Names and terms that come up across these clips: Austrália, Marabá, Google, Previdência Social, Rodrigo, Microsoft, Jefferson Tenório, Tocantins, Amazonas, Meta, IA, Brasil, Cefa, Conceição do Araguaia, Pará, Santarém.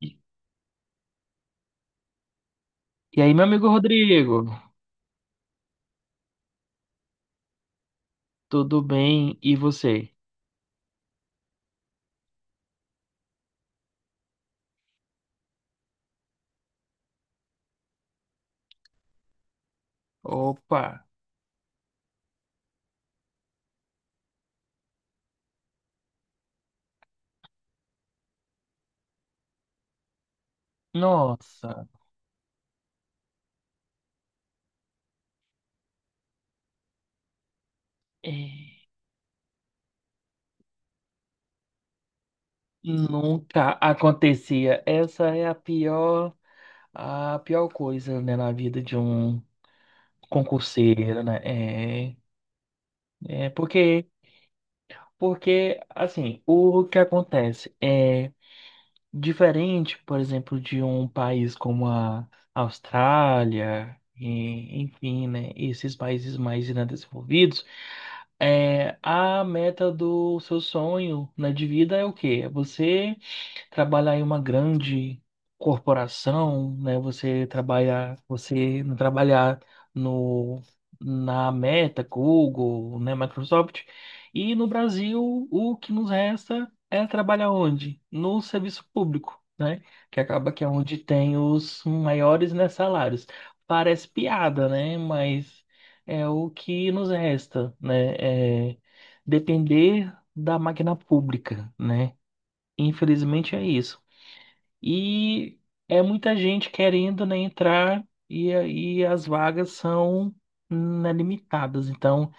E e aí, meu amigo Rodrigo, tudo bem? E você? Opa, nossa, é, nunca acontecia. Essa é a pior coisa, né, na vida de um concurseiro, né? É, é porque, assim, o que acontece é diferente, por exemplo, de um país como a Austrália, e, enfim, né, esses países mais né, desenvolvidos, é, a meta do seu sonho, né, de vida é o quê? É você trabalhar em uma grande corporação, né? Você trabalhar, você não trabalhar no na Meta, Google, né, Microsoft. E no Brasil, o que nos resta é trabalhar onde? No serviço público, né? Que acaba que é onde tem os maiores, né, salários. Parece piada, né? Mas é o que nos resta, né? É depender da máquina pública, né? Infelizmente é isso. E é muita gente querendo, né, entrar e aí as vagas são né, limitadas. Então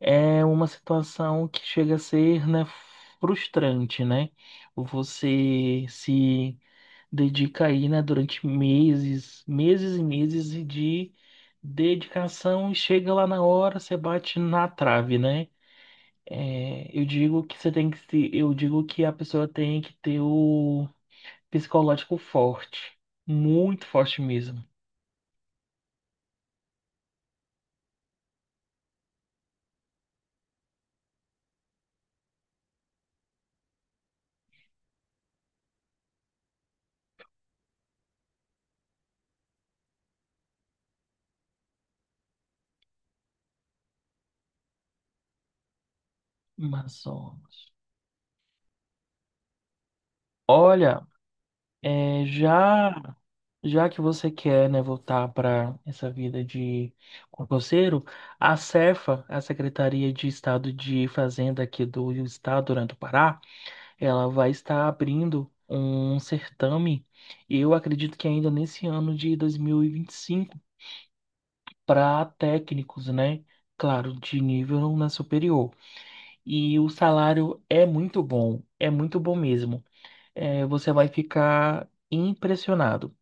é uma situação que chega a ser, né, frustrante, né? Você se dedica aí, né, durante meses, meses e meses de dedicação e chega lá na hora, você bate na trave, né? É, eu digo que você tem que, eu digo que a pessoa tem que ter o psicológico forte, muito forte mesmo. Amazonas. Olha, é, já que você quer, né, voltar para essa vida de concurseiro, a Cefa, a Secretaria de Estado de Fazenda aqui do Estado né, do Pará, ela vai estar abrindo um certame, eu acredito que ainda nesse ano de dois mil e vinte e cinco para técnicos, né? Claro, de nível né, superior. E o salário é muito bom mesmo. É, você vai ficar impressionado.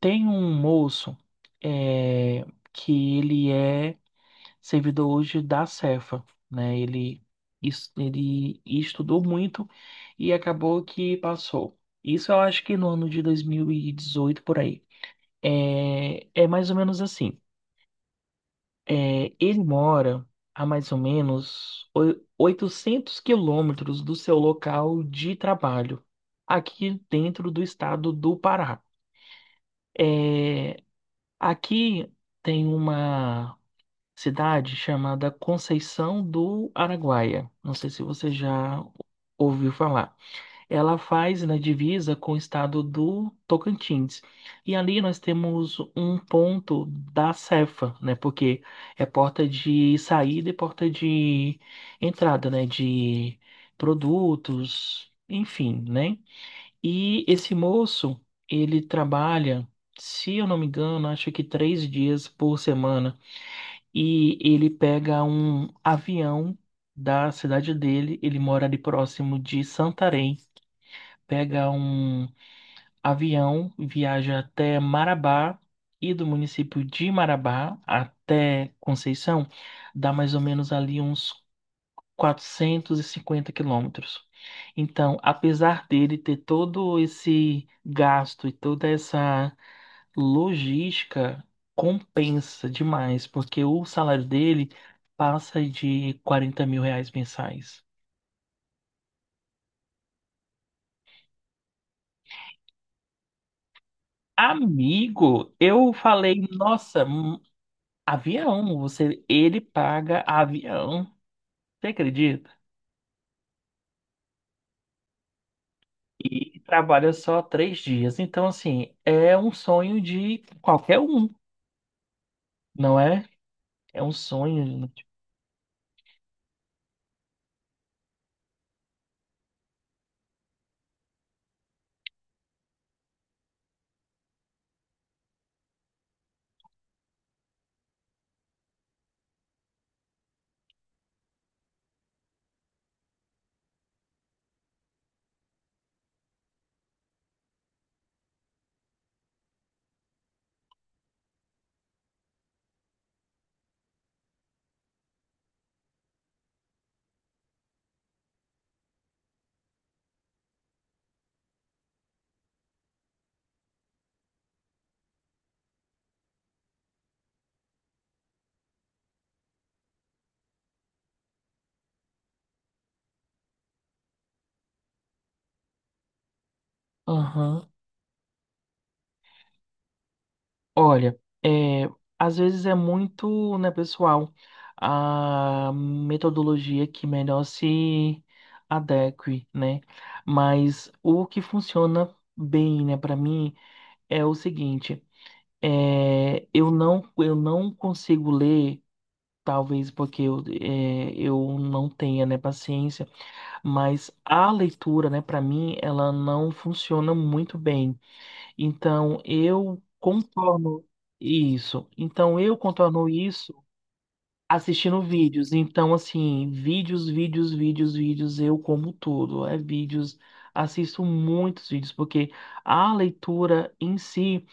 Tem um moço, é, que ele é servidor hoje da Cefa, né? Ele, ele estudou muito e acabou que passou. Isso eu acho que no ano de 2018 por aí. É, é mais ou menos assim. É, ele mora a mais ou menos 800 quilômetros do seu local de trabalho, aqui dentro do estado do Pará. É, aqui tem uma cidade chamada Conceição do Araguaia. Não sei se você já ouviu falar. Ela faz na divisa com o estado do Tocantins. E ali nós temos um ponto da Cefa, né? Porque é porta de saída e porta de entrada, né? De produtos, enfim, né? E esse moço, ele trabalha, se eu não me engano, acho que 3 dias por semana. E ele pega um avião da cidade dele, ele mora ali próximo de Santarém, pega um avião, viaja até Marabá e do município de Marabá até Conceição, dá mais ou menos ali uns 450 quilômetros. Então, apesar dele ter todo esse gasto e toda essa logística, compensa demais, porque o salário dele passa de R$ 40.000 mensais. Amigo, eu falei, nossa, avião, você, ele paga avião, você acredita? E trabalha só 3 dias. Então, assim, é um sonho de qualquer um, não é? É um sonho, né? Aham. Olha, é, às vezes é muito, né, pessoal, a metodologia que melhor se adeque, né? Mas o que funciona bem, né, para mim é o seguinte, é, eu não consigo ler. Talvez porque eu não tenha, né, paciência, mas a leitura, né, para mim, ela não funciona muito bem. Então, eu contorno isso. Então, eu contorno isso assistindo vídeos. Então, assim, vídeos, vídeos, vídeos, vídeos, eu como tudo. É vídeos, assisto muitos vídeos, porque a leitura em si,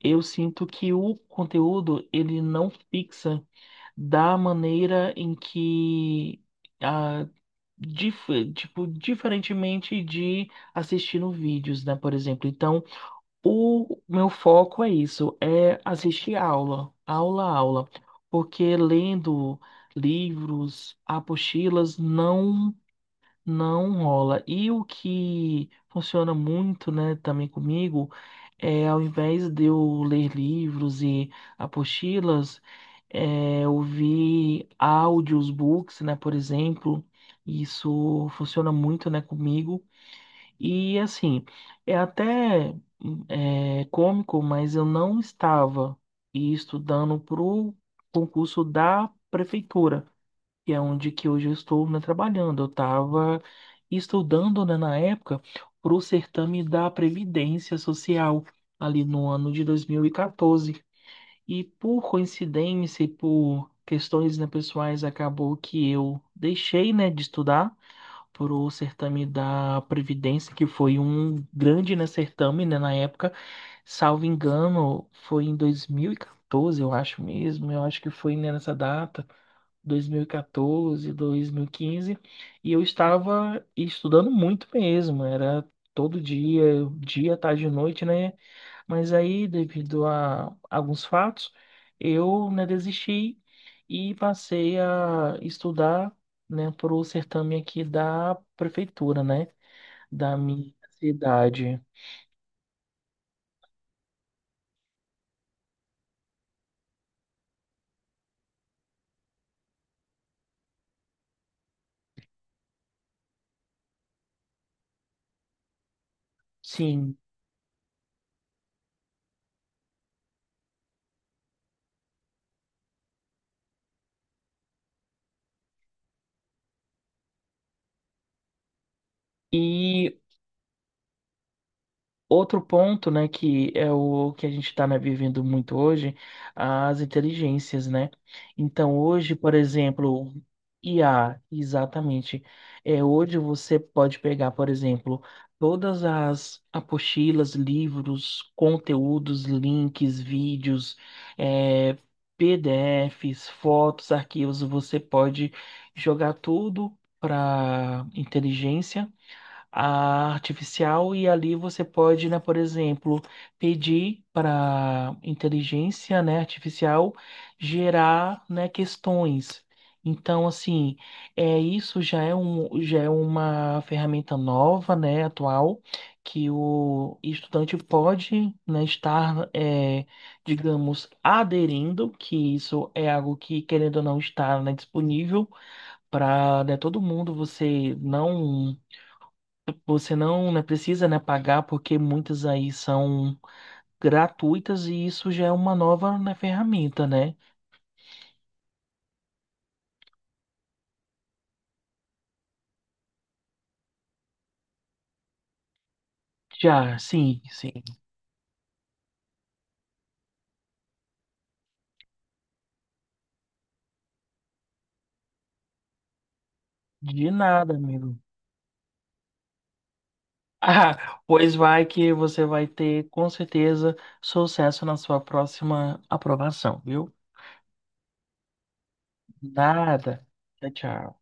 eu sinto que o conteúdo, ele não fixa da maneira em que ah, tipo, diferentemente de assistindo vídeos, né, por exemplo. Então, o meu foco é isso, é assistir aula, aula, aula, porque lendo livros, apostilas, não rola. E o que funciona muito, né, também comigo, é ao invés de eu ler livros e apostilas, é, ouvir áudios, books, né, por exemplo. Isso funciona muito, né, comigo. E assim, é até cômico, mas eu não estava estudando para o concurso da prefeitura que é onde que hoje eu estou, né, trabalhando. Eu estava estudando, né, na época, para o certame da Previdência Social, ali no ano de 2014. E quatorze. E por coincidência e por questões, né, pessoais, acabou que eu deixei, né, de estudar para o certame da Previdência, que foi um grande, né, certame, né, na época. Salvo engano, foi em 2014, eu acho mesmo, eu acho que foi né, nessa data. 2014, 2015, e quatorze, 2015, e eu estava estudando muito mesmo, era todo dia, dia, tarde e noite, né? Mas aí, devido a alguns fatos, eu, né, desisti e passei a estudar, né, para o certame aqui da prefeitura, né, da minha cidade. Sim. E outro ponto, né, que é o que a gente está vivendo muito hoje, as inteligências, né? Então, hoje, por exemplo, IA, exatamente. É, hoje você pode pegar, por exemplo, todas as apostilas, livros, conteúdos, links, vídeos, é, PDFs, fotos, arquivos, você pode jogar tudo para inteligência a artificial e ali você pode, né, por exemplo, pedir para inteligência, né, artificial gerar, né, questões. Então, assim, é isso já é uma ferramenta nova, né, atual, que o estudante pode, né, estar, é, digamos, aderindo, que isso é algo que, querendo ou não, está, né, disponível para todo mundo. Você não, né, precisa, né, pagar porque muitas aí são gratuitas e isso já é uma nova, né, ferramenta, né? Já, sim, sim. De nada, amigo. Ah, pois vai que você vai ter com certeza sucesso na sua próxima aprovação, viu? Nada. Tchau, tchau.